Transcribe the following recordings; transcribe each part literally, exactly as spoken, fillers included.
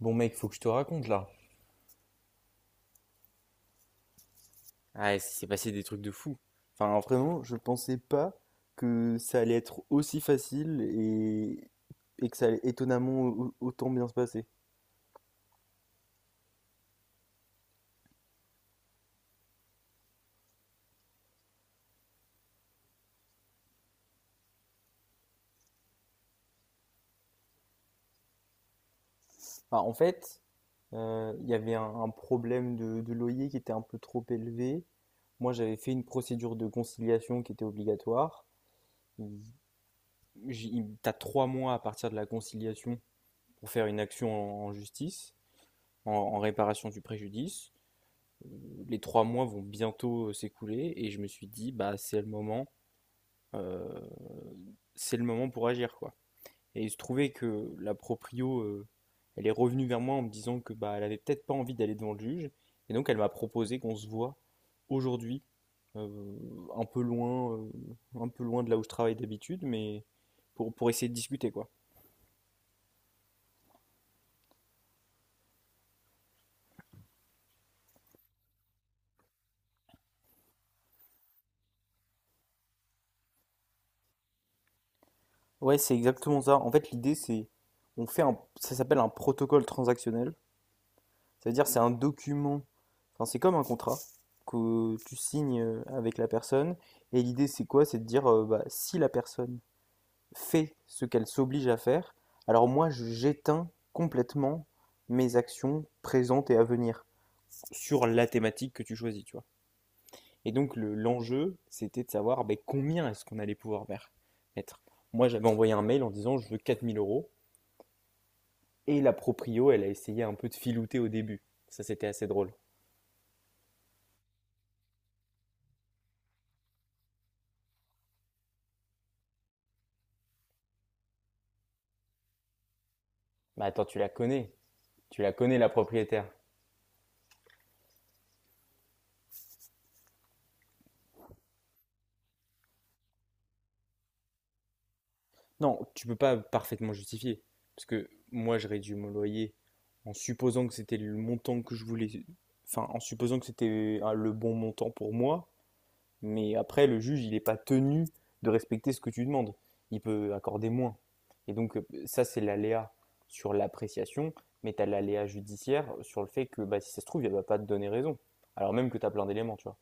Bon mec, faut que je te raconte là. Ah, il s'est passé des trucs de fou. Enfin, vraiment, je sais pas que et que ça allait et où- où bien se passer. Enfin, en fait, euh, il y avait un, un problème de, de loyer qui était un peu trop élevé. Moi, j'avais fait une procédure de conciliation qui était obligatoire. Il- j'ai- il- T'as trois mois à partir de la conciliation pour faire une action en, en justice, en, en réparation du préjudice. Euh, Les trois mois vont bientôt euh, s'écouler et je me suis dit, bah, c'est le moment, euh, c'est le moment pour agir, quoi. Et il se trouvait que la proprio, heu, elle est revenue vers moi en me disant que, bah, elle avait peut-être pas envie d'aller devant le juge. Et donc elle m'a proposé qu'on se voit aujourd'hui, heu, un peu loin, heu, un peu loin de là où je travaille d'habitude, mais pour, pour essayer de discuter, quoi. Ouais, c'est exactement ça. En fait, l'idée, c'est, on fait un, ça s'appelle un protocole transactionnel. Ça veut dire, c'est un document, enfin, c'est comme un contrat que tu signes euh, avec la personne. Et l'idée, c'est quoi? C'est de dire, euh, bah, si la personne fait ce qu'elle s'oblige à faire, alors moi j'éteins complètement mes actions présentes et à venir sur la thématique que tu choisis, tu vois. Et donc le- l'enjeu, c'était de savoir ben, combien est-ce qu'on allait pouvoir mer- mettre. Moi j'avais envoyé un mail en disant je veux quatre mille euros, et la proprio, elle a essayé un peu de filouter au début. Ça c'était assez drôle. Bah attends, tu la connais, tu la connais la propriétaire. Non, tu peux pas parfaitement justifier. Parce que moi, j'aurais dû mon loyer en supposant que c'était le montant que je voulais. Enfin, en supposant que c'était euh, le bon montant pour moi. Mais après, le juge, il n'est pas tenu de respecter ce que tu demandes. Il peut accorder moins. Et donc, euh, ça, c'est l'aléa sur l'appréciation. Mais tu as l'aléa judiciaire sur le fait que bah, si ça se trouve, il ne va pas te donner raison. Alors même que tu as plein d'éléments, tu vois.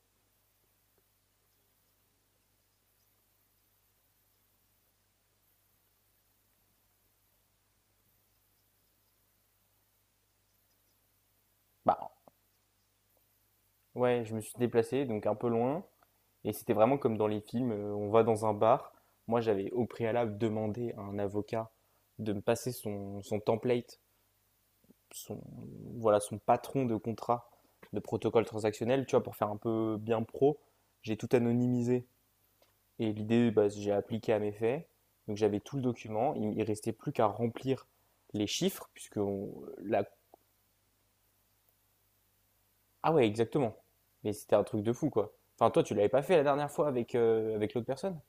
Bah, ouais, je me suis déplacé, donc un peu loin. Et c'était vraiment comme dans les films, euh, on va dans un bar. Moi, j'avais au préalable demandé à un avocat de me passer son, son template, son, voilà, son patron de contrat de protocole transactionnel, tu vois, pour faire un peu bien pro. J'ai tout anonymisé. Et l'idée, bah, j'ai appliqué à mes faits. Donc j'avais tout le document. Il, il restait plus qu'à remplir les chiffres, puisque on- la... Ah ouais, exactement. Mais c'était un truc de fou, quoi. Enfin, toi, tu l'avais pas fait la dernière fois avec, euh, avec l'autre personne?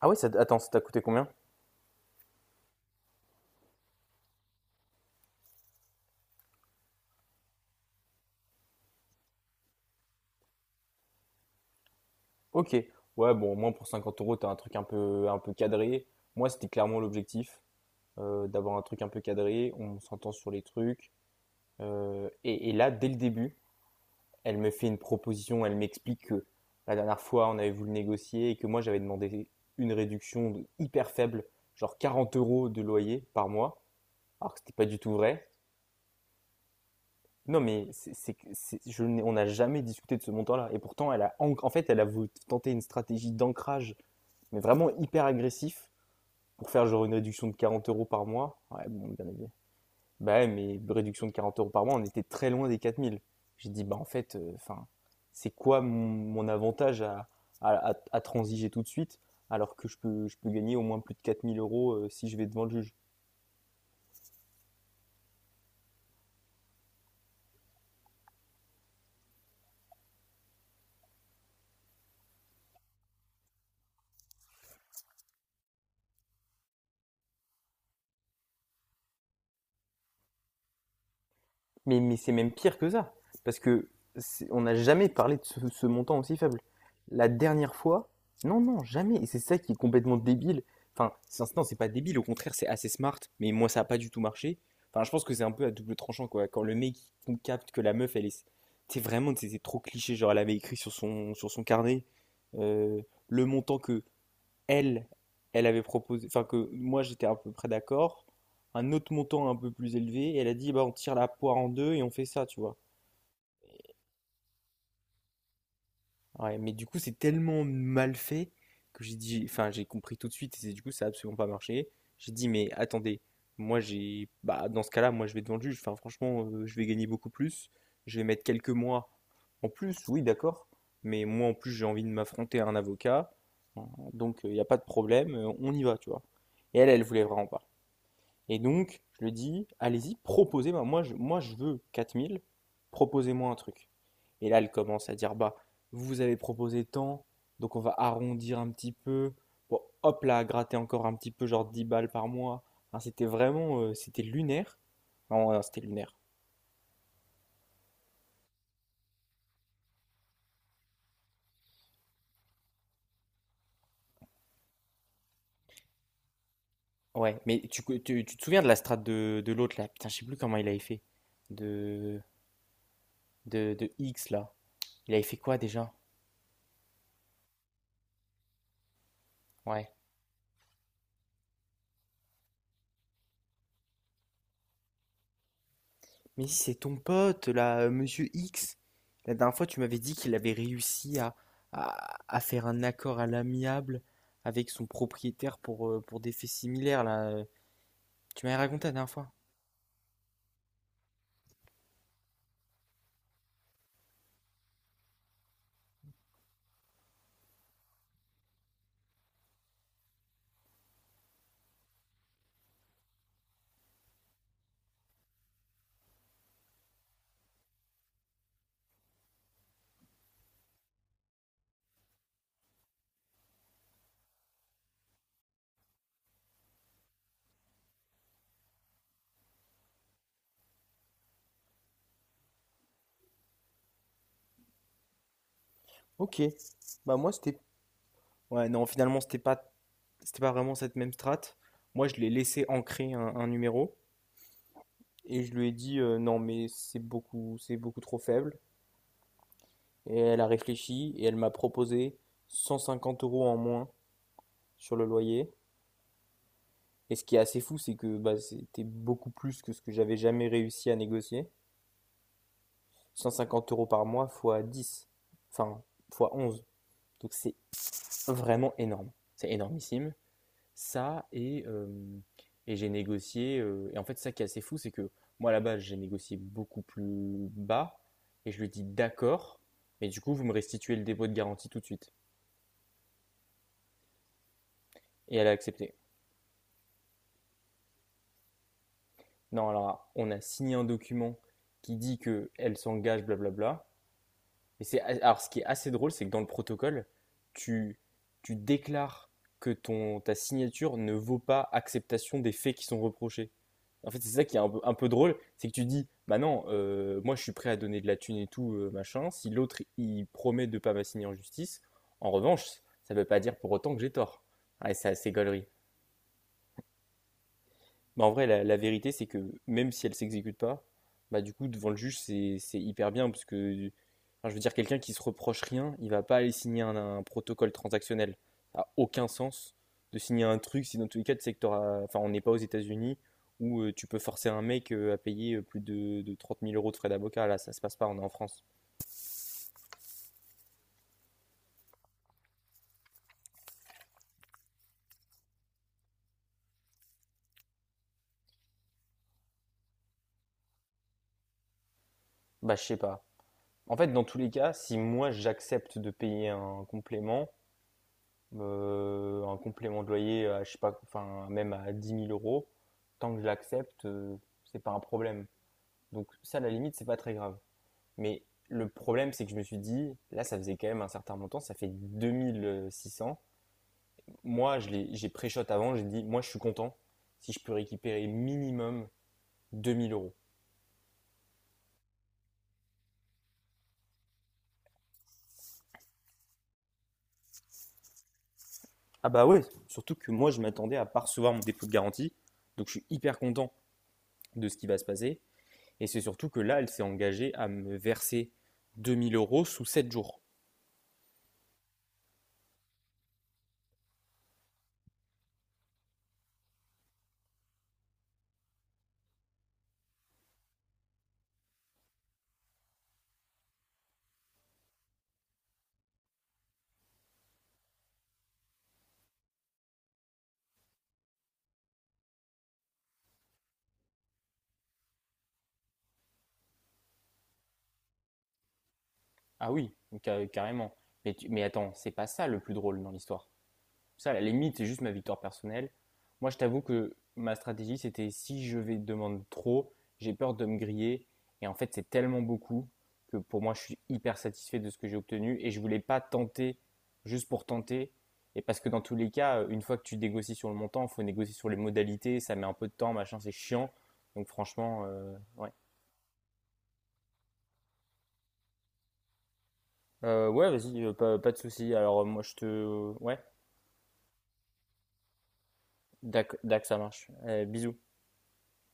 Ah ouais, ça, attends, ça t'a coûté combien? Ok, ouais, bon, au moins pour cinquante euros, t'as un truc un peu, un peu cadré. Moi, c'était clairement l'objectif, euh, d'avoir un truc un peu cadré. On s'entend sur les trucs. Euh, et, et là, dès le début, elle me fait une proposition. Elle m'explique que la dernière fois, on avait voulu négocier et que moi, j'avais demandé une réduction de- hyper faible, genre quarante euros de loyer par mois, alors que c'était pas du tout vrai. Non, mais c'est, c'est, que- c'est- je n'ai- on n'a jamais discuté de ce montant-là. Et pourtant, elle a, en en fait, elle a voulu tenter une stratégie d'ancrage, mais vraiment hyper agressif pour faire genre une réduction de quarante euros par mois. Ouais, bon, bien évidemment. Bah ouais, mais réduction de quarante euros par mois, on était très loin des quatre mille. J'ai dit, bah en fait, euh, enfin, c'est quoi mon, mon avantage à, à, à- à transiger tout de suite alors que je peux, je peux gagner au moins plus de quatre mille euros euh, si je vais devant le juge. Mais, mais c'est même pire que ça, parce que c'est- on n'a jamais parlé de ce, ce montant aussi faible. La dernière fois, non, non, jamais. Et c'est ça qui est complètement débile. Enfin, c'est- non, c'est pas débile, au contraire, c'est assez smart. Mais moi, ça a pas du tout marché. Enfin, je pense que c'est un peu à double tranchant, quoi. Quand le mec il capte que la meuf, elle est, c'est vraiment, c'est c'est trop cliché. Genre, elle avait écrit sur son, sur son carnet euh, le montant que elle, elle avait proposé, enfin que moi j'étais à peu près d'accord, un autre montant un peu plus élevé, et elle a dit bah on tire la poire en deux et on fait ça, tu vois. Ouais, mais du coup c'est tellement mal fait que j'ai dit, enfin j'ai compris tout de suite et c'est- du coup ça a absolument pas marché. J'ai dit mais attendez, moi j'ai, bah dans ce cas-là moi je vais devant le juge, enfin franchement euh, je vais gagner beaucoup plus, je vais mettre quelques mois en plus, oui d'accord, mais moi en plus j'ai envie de m'affronter à un avocat, hein, donc il n'y a pas de problème, euh, on y va, tu vois. Et elle, elle voulait vraiment pas. Et donc, je lui dis, allez-y, proposez-moi. Moi, je, moi, je veux quatre mille. Proposez-moi un truc. Et là, elle commence à dire, bah, vous avez proposé tant, donc on va arrondir un petit peu. Bon, hop là, gratter encore un petit peu, genre dix balles par mois. Enfin, c'était vraiment, euh, c'était lunaire. Non, non, c'était lunaire. Ouais, mais tu, tu, tu te souviens de la strate de, de l'autre là? Putain, je sais plus comment il avait fait. De, de, de X là. Il avait fait quoi déjà? Ouais. Mais si, c'est ton pote, là, euh, Monsieur X. La dernière fois, tu m'avais dit qu'il avait réussi à, à, à faire un accord à l'amiable avec son propriétaire pour, euh, pour des faits similaires, là. Euh. Tu m'avais raconté la dernière fois. Ok. Bah moi, c'était... Ouais, non, finalement, c'était pas, c'était pas vraiment cette même strate. Moi, je l'ai laissé ancrer un, un numéro et je lui ai dit euh, non, mais c'est beaucoup, c'est beaucoup trop faible. Et elle a réfléchi et elle m'a proposé cent cinquante euros en moins sur le loyer. Et ce qui est assez fou, c'est que bah, c'était beaucoup plus que ce que j'avais jamais réussi à négocier. cent cinquante euros par mois fois dix, enfin fois onze. Donc c'est vraiment énorme. C'est énormissime. Ça, et, euh, et j'ai négocié. euh, et en fait, ça qui est assez fou, c'est que moi, à la base, j'ai négocié beaucoup plus bas. Et je lui ai dit d'accord, mais du coup, vous me restituez le dépôt de garantie tout de suite. Et elle a accepté. Non, alors, on a signé un document qui dit qu'elle s'engage, blablabla. Mais c'est alors ce qui est assez drôle, c'est que dans le protocole, tu tu déclares que ton ta signature ne vaut pas acceptation des faits qui sont reprochés. En fait, c'est ça qui est un peu, un peu drôle, c'est que tu dis, bah non, euh, moi je suis prêt à donner de la thune et tout, euh, machin. Si l'autre il promet de pas m'assigner en justice, en revanche, ça veut pas dire pour autant que j'ai tort. Ouais, c'est assez gaulerie. Bah, en vrai, la, la vérité, c'est que même si elle s'exécute pas, bah, du coup, devant le juge, c'est c'est hyper bien parce que, enfin, je veux dire, quelqu'un qui se reproche rien, il va pas aller signer un, un protocole transactionnel. Ça a aucun sens de signer un truc si dans tous les cas, tu sais que t'auras- enfin, on n'est pas aux États-Unis où euh, tu peux forcer un mec euh, à payer euh, plus de, de trente mille euros de frais d'avocat. Là, ça se passe pas, on est en France. Bah, je sais pas. En fait, dans tous les cas, si moi j'accepte de payer un complément, Euh, un complément de loyer à, je sais pas, enfin, même à dix mille euros, tant que je l'accepte, euh, c'est pas un problème. Donc ça, à la limite, c'est pas très grave. Mais le problème, c'est que je me suis dit, là, ça faisait quand même un certain montant, ça fait deux mille six cents. Moi, je l'ai- j'ai pré-shot avant, j'ai dit, moi, je suis content si je peux récupérer minimum deux mille euros. Ah bah ouais, surtout que moi, je m'attendais à pas recevoir mon dépôt de garantie, donc je suis hyper content de ce qui va se passer. Et c'est surtout que là, elle s'est engagée à me verser deux mille euros sous sept jours. Ah oui, carrément. Mais, tu- mais attends, c'est pas ça le plus drôle dans l'histoire. Ça, à la limite, c'est juste ma victoire personnelle. Moi, je t'avoue que ma stratégie, c'était si je vais demander trop, j'ai peur de me griller. Et en fait, c'est tellement beaucoup que pour moi, je suis hyper satisfait de ce que j'ai obtenu. Et je voulais pas tenter juste pour tenter. Et parce que dans tous les cas, une fois que tu négocies sur le montant, il faut négocier sur les modalités. Ça met un peu de temps, machin, c'est chiant. Donc franchement, euh, ouais. Euh, ouais, vas-y, euh, pas, pas de souci. Alors euh, moi, je te... Ouais, d'ac, d'ac, ça marche. Euh, bisous.